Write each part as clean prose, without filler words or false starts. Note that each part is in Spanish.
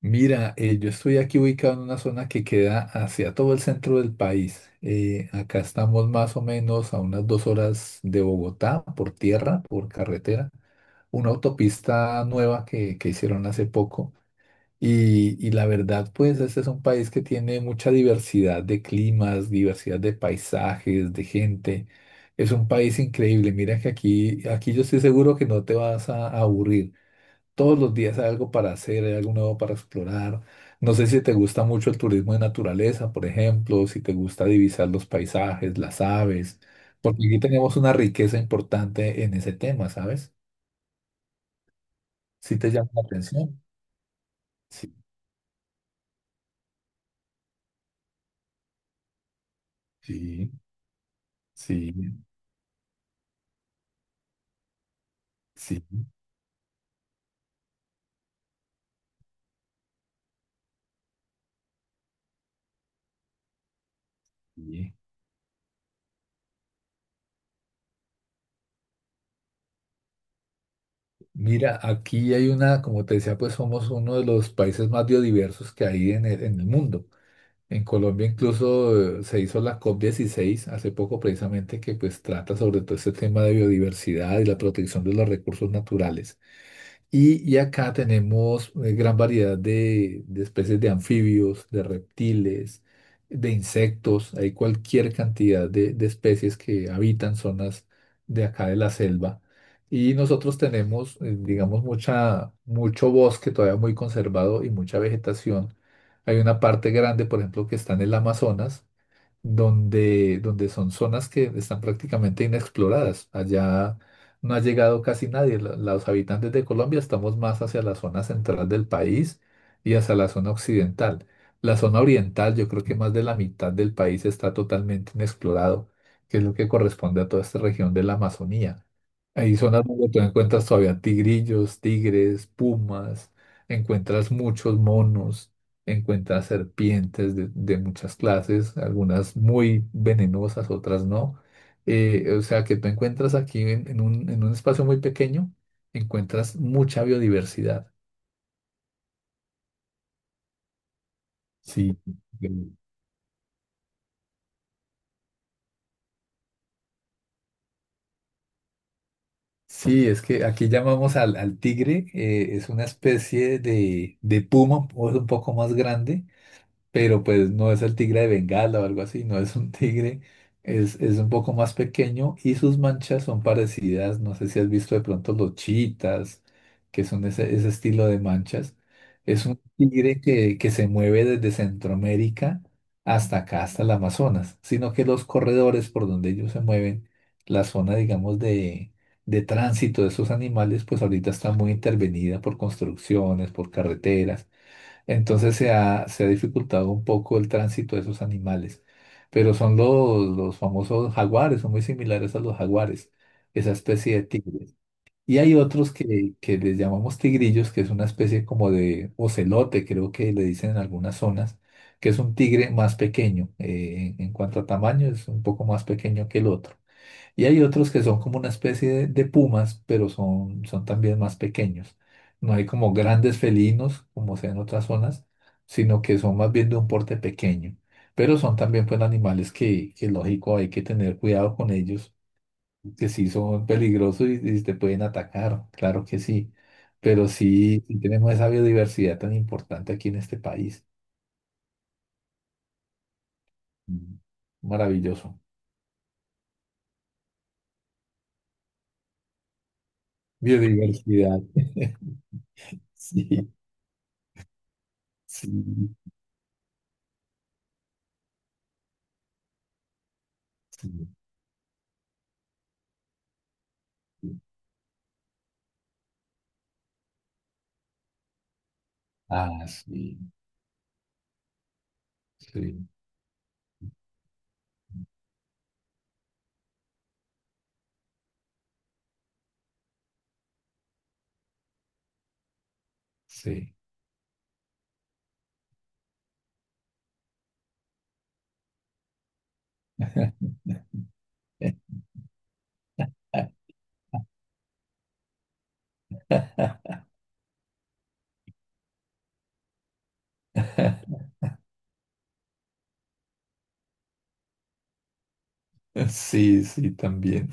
Mira, yo estoy aquí ubicado en una zona que queda hacia todo el centro del país. Acá estamos más o menos a unas 2 horas de Bogotá por tierra, por carretera, una autopista nueva que hicieron hace poco. Y la verdad, pues este es un país que tiene mucha diversidad de climas, diversidad de paisajes, de gente. Es un país increíble. Mira que aquí yo estoy seguro que no te vas a aburrir. Todos los días hay algo para hacer, hay algo nuevo para explorar. No sé si te gusta mucho el turismo de naturaleza, por ejemplo, si te gusta divisar los paisajes, las aves, porque aquí tenemos una riqueza importante en ese tema, ¿sabes? Si te llama la atención. Sí, sí, sí, sí, sí. Mira, aquí hay una, como te decía, pues somos uno de los países más biodiversos que hay en el mundo. En Colombia incluso se hizo la COP16 hace poco precisamente que pues trata sobre todo este tema de biodiversidad y la protección de los recursos naturales. Y acá tenemos gran variedad de especies de anfibios, de reptiles, de insectos. Hay cualquier cantidad de especies que habitan zonas de acá de la selva. Y nosotros tenemos, digamos, mucho bosque todavía muy conservado y mucha vegetación. Hay una parte grande, por ejemplo, que está en el Amazonas donde son zonas que están prácticamente inexploradas. Allá no ha llegado casi nadie. Los habitantes de Colombia estamos más hacia la zona central del país y hacia la zona occidental. La zona oriental, yo creo que más de la mitad del país está totalmente inexplorado, que es lo que corresponde a toda esta región de la Amazonía. Hay zonas donde tú encuentras todavía tigrillos, tigres, pumas, encuentras muchos monos, encuentras serpientes de muchas clases, algunas muy venenosas, otras no. O sea que tú encuentras aquí en un espacio muy pequeño, encuentras mucha biodiversidad. Sí. Mm. Sí, es que aquí llamamos al tigre, es una especie de puma, o es un poco más grande, pero pues no es el tigre de Bengala o algo así, no es un tigre, es un poco más pequeño y sus manchas son parecidas, no sé si has visto de pronto los chitas, que son ese estilo de manchas. Es un tigre que se mueve desde Centroamérica hasta acá, hasta el Amazonas, sino que los corredores por donde ellos se mueven, la zona, digamos, de tránsito de esos animales, pues ahorita está muy intervenida por construcciones, por carreteras. Entonces se ha dificultado un poco el tránsito de esos animales. Pero son los famosos jaguares, son muy similares a los jaguares, esa especie de tigres. Y hay otros que les llamamos tigrillos, que es una especie como de ocelote, creo que le dicen en algunas zonas, que es un tigre más pequeño. En cuanto a tamaño, es un poco más pequeño que el otro. Y hay otros que son como una especie de pumas, pero son también más pequeños. No hay como grandes felinos, como sea en otras zonas, sino que son más bien de un porte pequeño. Pero son también pues animales que lógico hay que tener cuidado con ellos, que sí son peligrosos y te pueden atacar, claro que sí. Pero sí, sí tenemos esa biodiversidad tan importante aquí en este país. Mm, Maravilloso. Biodiversidad. Sí, sí, sí. Ah, sí, sí, sí. Sí, sí, también.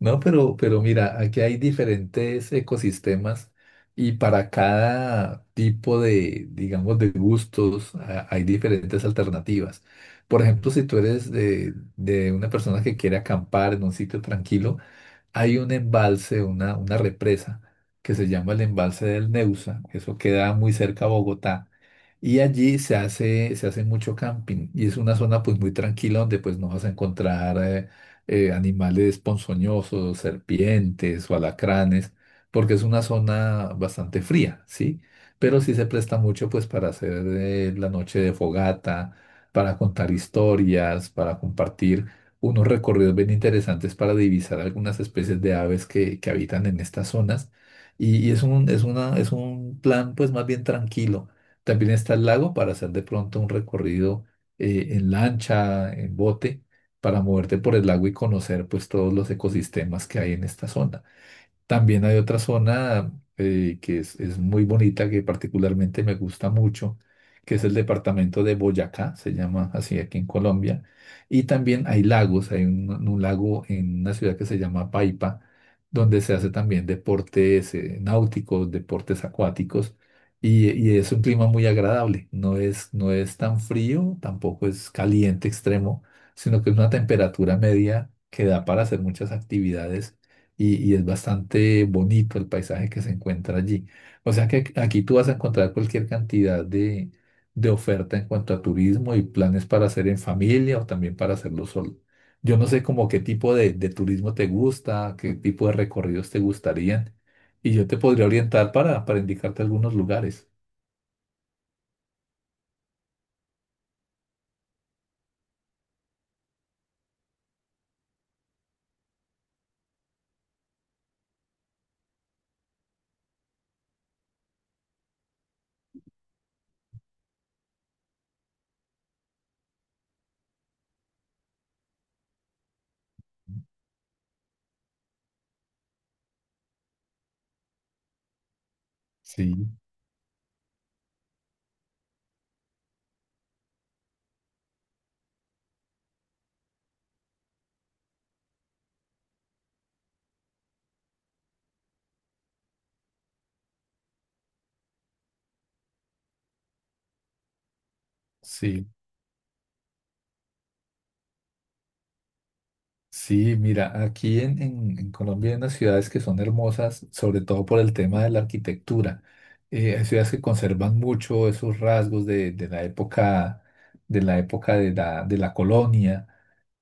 No, pero mira, aquí hay diferentes ecosistemas y para cada tipo de, digamos, de gustos hay diferentes alternativas. Por ejemplo, si tú eres de una persona que quiere acampar en un sitio tranquilo, hay un embalse, una represa que se llama el embalse del Neusa, eso queda muy cerca a Bogotá, y allí se hace mucho camping y es una zona pues muy tranquila donde pues no vas a encontrar animales ponzoñosos, serpientes o alacranes, porque es una zona bastante fría, ¿sí? Pero sí se presta mucho pues para hacer la noche de fogata, para contar historias, para compartir unos recorridos bien interesantes para divisar algunas especies de aves que habitan en estas zonas. Y es un, es una, es un plan pues más bien tranquilo. También está el lago para hacer de pronto un recorrido en lancha, en bote, para moverte por el lago y conocer pues todos los ecosistemas que hay en esta zona. También hay otra zona que es muy bonita, que particularmente me gusta mucho, que es el departamento de Boyacá, se llama así aquí en Colombia. Y también hay lagos, hay un lago en una ciudad que se llama Paipa, donde se hace también deportes náuticos, deportes acuáticos, y es un clima muy agradable. No es tan frío, tampoco es caliente extremo, sino que es una temperatura media que da para hacer muchas actividades y es bastante bonito el paisaje que se encuentra allí. O sea que aquí tú vas a encontrar cualquier cantidad de oferta en cuanto a turismo y planes para hacer en familia o también para hacerlo solo. Yo no sé como qué tipo de turismo te gusta, qué tipo de recorridos te gustarían y yo te podría orientar para indicarte algunos lugares. Sí, sí. Sí, mira, aquí en Colombia hay unas ciudades que son hermosas, sobre todo por el tema de la arquitectura. Hay ciudades que conservan mucho esos rasgos de la época, de la, época de la colonia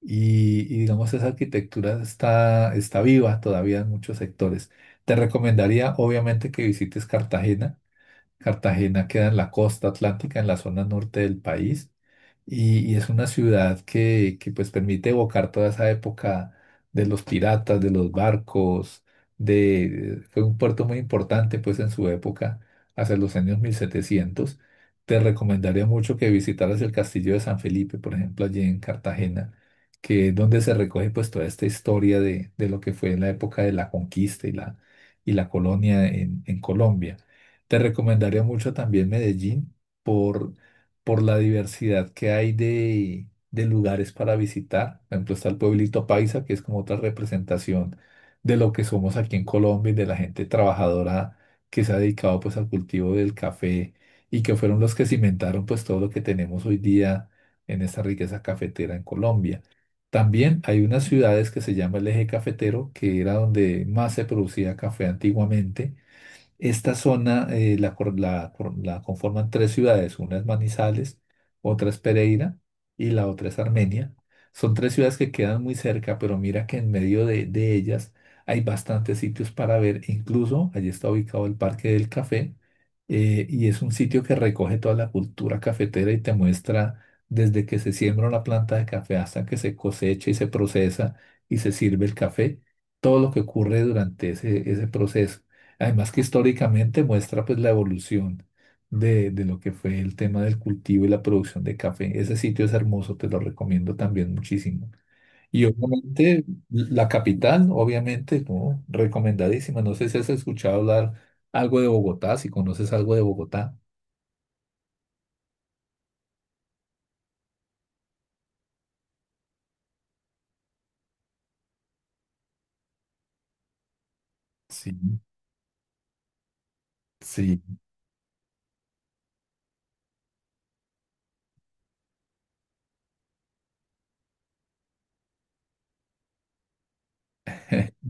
y digamos esa arquitectura está, está viva todavía en muchos sectores. Te recomendaría obviamente que visites Cartagena. Cartagena queda en la costa atlántica, en la zona norte del país y es una ciudad pues permite evocar toda esa época de los piratas, de los barcos, de, fue un puerto muy importante pues en su época, hacia los años 1700. Te recomendaría mucho que visitaras el castillo de San Felipe, por ejemplo, allí en Cartagena, que es donde se recoge pues toda esta historia de lo que fue en la época de la conquista y la colonia en Colombia. Te recomendaría mucho también Medellín por por la diversidad que hay de lugares para visitar. Por ejemplo, está el pueblito Paisa, que es como otra representación de lo que somos aquí en Colombia y de la gente trabajadora que se ha dedicado pues al cultivo del café y que fueron los que cimentaron pues todo lo que tenemos hoy día en esta riqueza cafetera en Colombia. También hay unas ciudades que se llama el Eje Cafetero, que era donde más se producía café antiguamente. Esta zona la conforman tres ciudades, una es Manizales, otra es Pereira y la otra es Armenia. Son tres ciudades que quedan muy cerca, pero mira que en medio de ellas hay bastantes sitios para ver. Incluso allí está ubicado el Parque del Café Y es un sitio que recoge toda la cultura cafetera y te muestra desde que se siembra una planta de café hasta que se cosecha y se procesa y se sirve el café, todo lo que ocurre durante ese proceso. Además que históricamente muestra pues la evolución de lo que fue el tema del cultivo y la producción de café. Ese sitio es hermoso, te lo recomiendo también muchísimo. Y obviamente la capital, obviamente, ¿no? Recomendadísima. No sé si has escuchado hablar algo de Bogotá, si conoces algo de Bogotá. Sí, sí,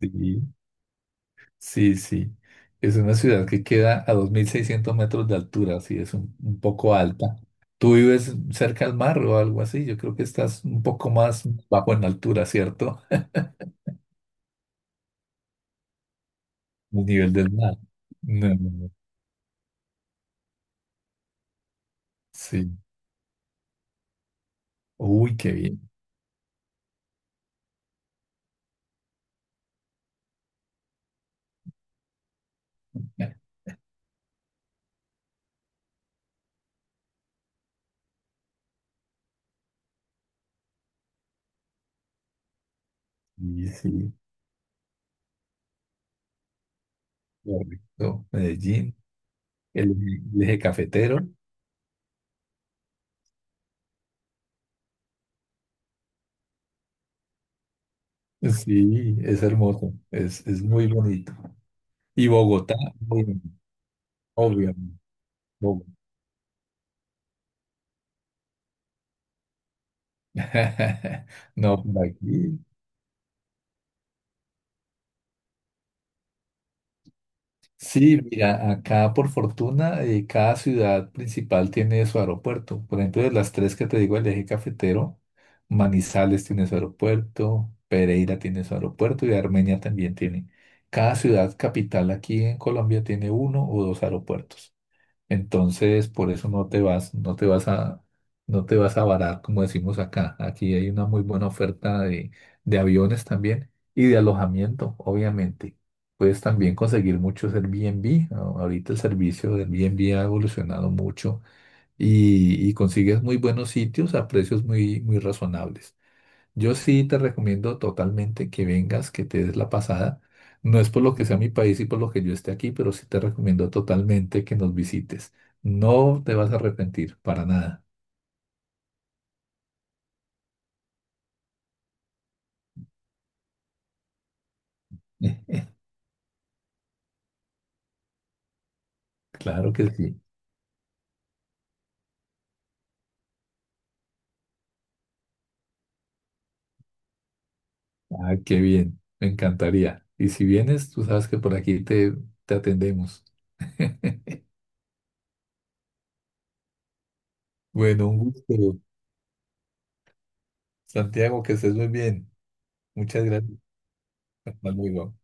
sí. Sí, sí. Es una ciudad que queda a 2600 metros de altura, así es un poco alta. ¿Tú vives cerca al mar o algo así? Yo creo que estás un poco más bajo en altura, ¿cierto? El nivel del mar. No, no, no. Sí. Uy, qué bien. Sí, sí. Correcto. Medellín, el eje cafetero. Sí, es hermoso. Es muy bonito. Y Bogotá, muy obviamente. Bogotá. No, por aquí. Sí, mira, acá por fortuna cada ciudad principal tiene su aeropuerto. Por ejemplo, de las tres que te digo, del eje cafetero, Manizales tiene su aeropuerto, Pereira tiene su aeropuerto y Armenia también tiene. Cada ciudad capital aquí en Colombia tiene uno o dos aeropuertos. Entonces, por eso no te vas a varar, como decimos acá. Aquí hay una muy buena oferta de aviones también y de alojamiento, obviamente. Puedes también conseguir muchos Airbnb. Ahorita el servicio de Airbnb ha evolucionado mucho y consigues muy buenos sitios a precios muy, muy razonables. Yo sí te recomiendo totalmente que vengas, que te des la pasada. No es por lo que sea mi país y por lo que yo esté aquí, pero sí te recomiendo totalmente que nos visites. No te vas a arrepentir, para nada. Claro que sí. Ah, qué bien. Me encantaría. Y si vienes, tú sabes que por aquí te atendemos. Bueno, un gusto, Santiago, que estés muy bien. Muchas gracias. Hasta luego.